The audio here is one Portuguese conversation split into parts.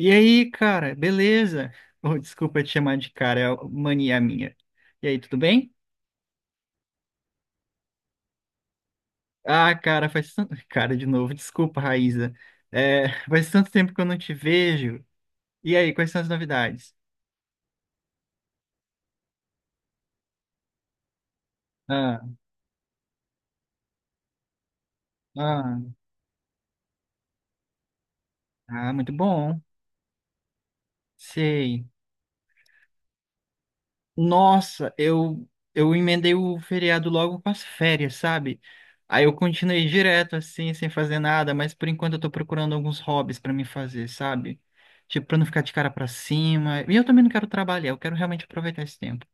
E aí, cara, beleza? Oh, desculpa te chamar de cara, é mania minha. E aí, tudo bem? Ah, cara, faz tanto... Cara, de novo, desculpa, Raíza. É, faz tanto tempo que eu não te vejo. E aí, quais são as novidades? Ah, ah, ah, muito bom. Sei. Nossa, eu emendei o feriado logo com as férias, sabe? Aí eu continuei direto assim, sem fazer nada, mas por enquanto eu tô procurando alguns hobbies pra me fazer, sabe? Tipo, pra não ficar de cara pra cima. E eu também não quero trabalhar, eu quero realmente aproveitar esse tempo.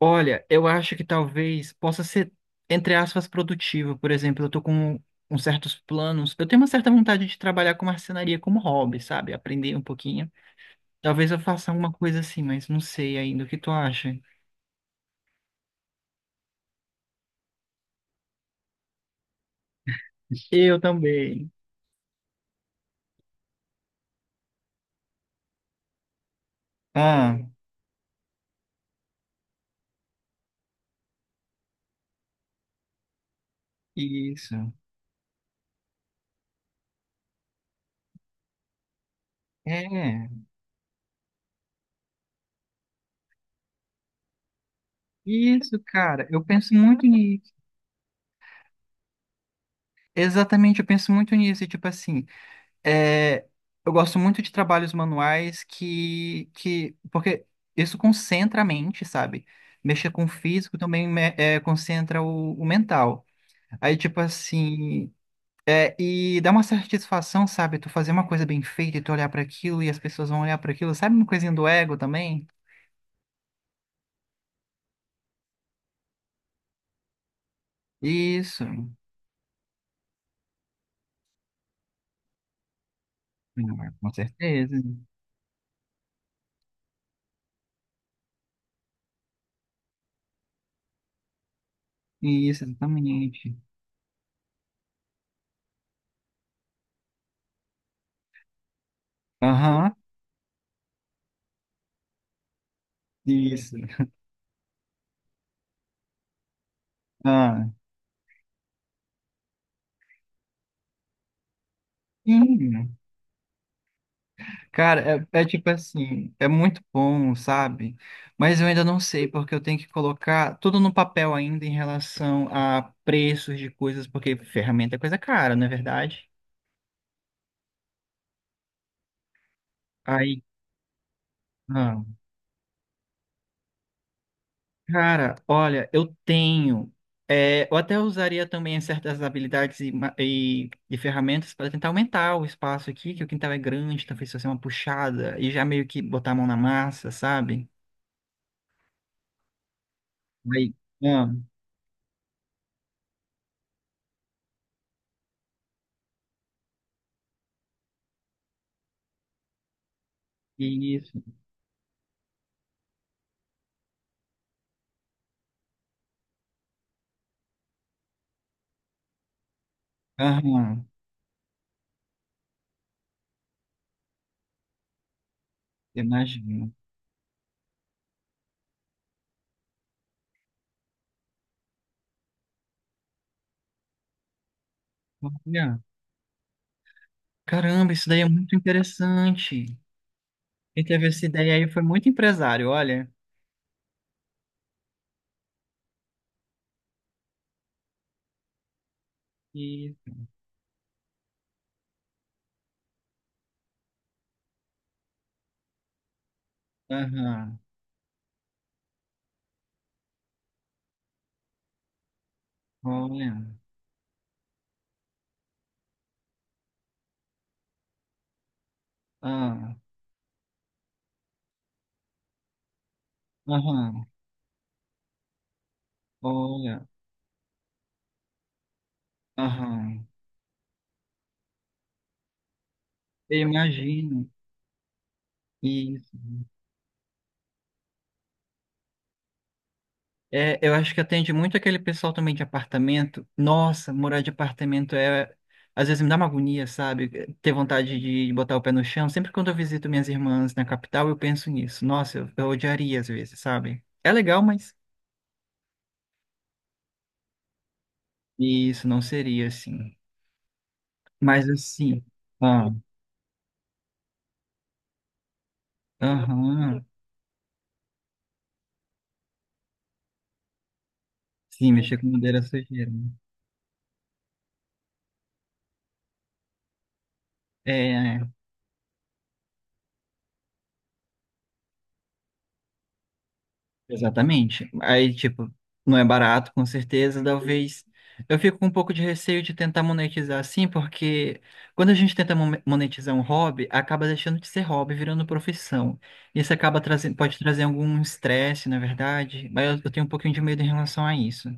Olha, eu acho que talvez possa ser, entre aspas, produtivo. Por exemplo, eu tô com uns certos planos. Eu tenho uma certa vontade de trabalhar com marcenaria como hobby, sabe? Aprender um pouquinho. Talvez eu faça alguma coisa assim, mas não sei ainda. O que tu acha? Eu também. Ah, é. Isso. É, isso, cara. Eu penso muito nisso. Exatamente, eu penso muito nisso. E, tipo assim, é, eu gosto muito de trabalhos manuais que. Porque isso concentra a mente, sabe? Mexer com o físico também concentra o mental. Aí, tipo assim. É, e dá uma satisfação, sabe? Tu fazer uma coisa bem feita e tu olhar para aquilo e as pessoas vão olhar para aquilo, sabe? Uma coisinha do ego também. Isso. Ah, com certeza. Isso, exatamente. Aham, isso. Ah, sim. Cara, é tipo assim, é muito bom, sabe? Mas eu ainda não sei, porque eu tenho que colocar tudo no papel ainda em relação a preços de coisas, porque ferramenta é coisa cara, não é verdade? Aí, ah. Cara, olha, eu tenho. Eu até usaria também certas habilidades e ferramentas para tentar aumentar o espaço aqui, que o quintal é grande, talvez fazer uma puxada e já meio que botar a mão na massa, sabe? Aí, ah, isso. Aham, imagino. Olha, caramba, isso daí é muito interessante. Quem teve essa ideia aí foi muito empresário, olha. E, aham, olha, ah, aham, olha, aham. Eu imagino. E eu acho que atende muito aquele pessoal também de apartamento. Nossa, morar de apartamento é. Às vezes me dá uma agonia, sabe? Ter vontade de botar o pé no chão. Sempre quando eu visito minhas irmãs na capital, eu penso nisso. Nossa, eu odiaria às vezes, sabe? É legal, mas isso não seria assim. Mas assim. Ah, aham. Sim, mexer com madeira é sujeira, né? É, é. Exatamente. Aí, tipo, não é barato, com certeza. Talvez eu fico com um pouco de receio de tentar monetizar assim, porque quando a gente tenta monetizar um hobby, acaba deixando de ser hobby, virando profissão. Isso acaba trazendo, pode trazer algum estresse, na verdade, mas eu tenho um pouquinho de medo em relação a isso.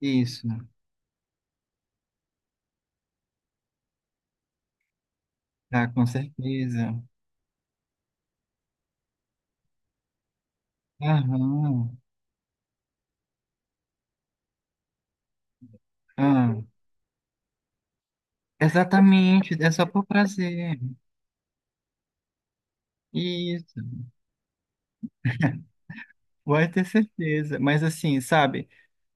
Isso, tá, com certeza. Aham. Ah, exatamente, é só por prazer. Isso. Pode ter certeza. Mas assim, sabe?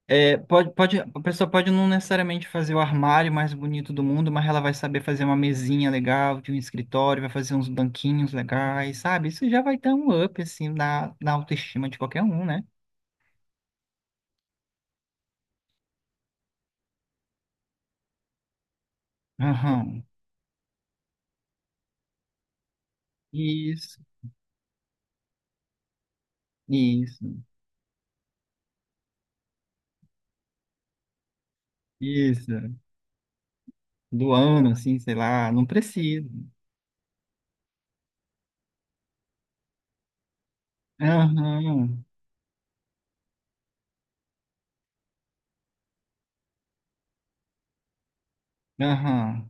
É, pode, a pessoa pode não necessariamente fazer o armário mais bonito do mundo, mas ela vai saber fazer uma mesinha legal de um escritório, vai fazer uns banquinhos legais, sabe? Isso já vai dar um up, assim, na autoestima de qualquer um, né? Aham. Isso, isso, isso. Do ano, assim, sei lá, não precisa. Aham, aham.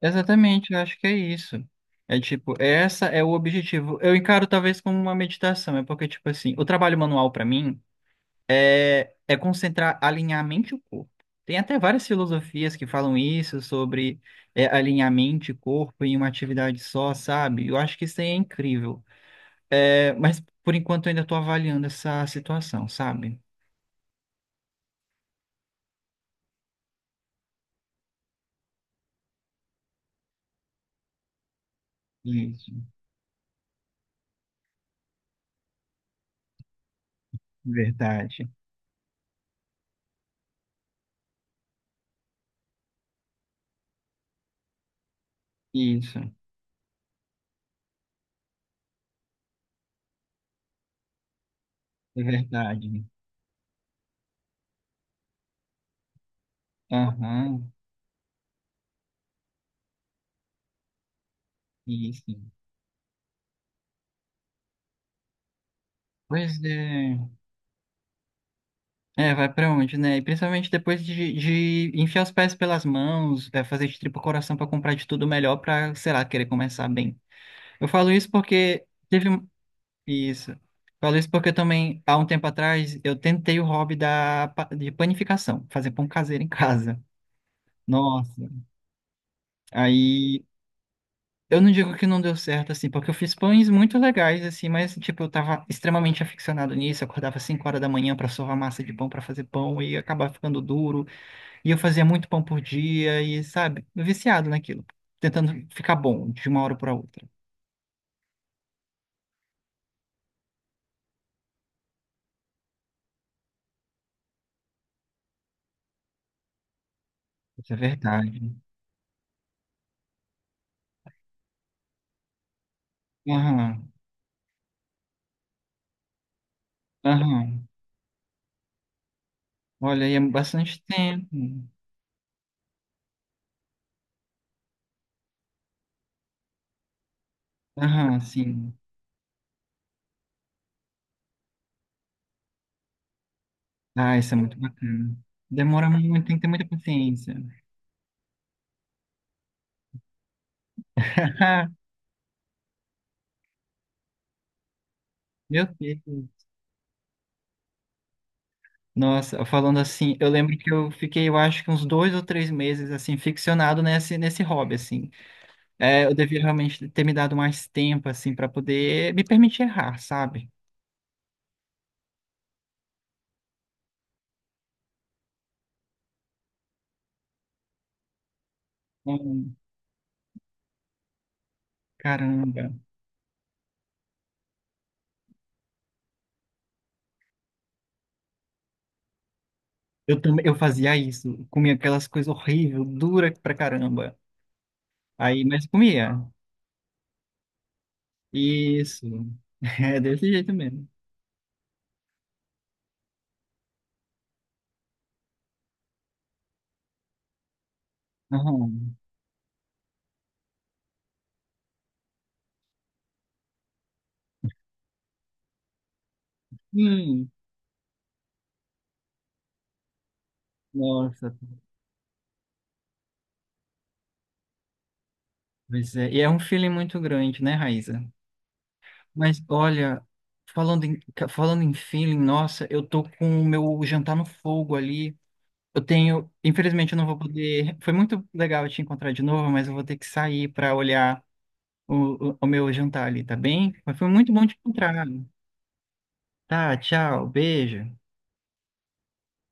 Exatamente, eu acho que é isso. É tipo, essa é o objetivo. Eu encaro talvez como uma meditação, é porque, tipo assim, o trabalho manual pra mim. É concentrar, alinhar a mente e o corpo. Tem até várias filosofias que falam isso, sobre alinhar mente e corpo em uma atividade só, sabe? Eu acho que isso aí é incrível. É, mas, por enquanto, eu ainda estou avaliando essa situação, sabe? Isso, verdade. Isso, é verdade. Aham, isso. Pois é. É, vai pra onde, né? E principalmente depois de enfiar os pés pelas mãos, fazer de tripa coração pra comprar de tudo melhor pra, sei lá, querer começar bem. Eu falo isso porque teve isso. Falo isso porque também, há um tempo atrás, eu tentei o hobby de panificação, fazer pão caseiro em casa. Nossa. Aí, eu não digo que não deu certo, assim, porque eu fiz pães muito legais, assim, mas, tipo, eu tava extremamente aficionado nisso. Eu acordava 5 horas da manhã pra sovar massa de pão, pra fazer pão, e acabava ficando duro. E eu fazia muito pão por dia, e, sabe, viciado naquilo, tentando ficar bom de uma hora pra outra. Isso é verdade. Aham, aham. Olha, aí é bastante tempo. Aham, sim. Ah, isso é muito bacana. Demora muito, tem que ter muita paciência. Meu Deus. Nossa, falando assim, eu lembro que eu fiquei, eu acho que uns 2 ou 3 meses, assim, ficcionado nesse hobby, assim. É, eu devia realmente ter me dado mais tempo, assim, para poder me permitir errar, sabe? Hum, caramba. Também eu fazia isso, comia aquelas coisas horríveis, dura pra caramba. Aí, mas comia. Isso. É desse jeito mesmo. Aham. Hum, nossa, pois é. E é um feeling muito grande, né, Raíza? Mas olha, falando em feeling, nossa, eu tô com o meu jantar no fogo ali. Eu tenho, infelizmente eu não vou poder. Foi muito legal te encontrar de novo, mas eu vou ter que sair para olhar o meu jantar ali, tá bem? Mas foi muito bom te encontrar. Tá, tchau, beijo.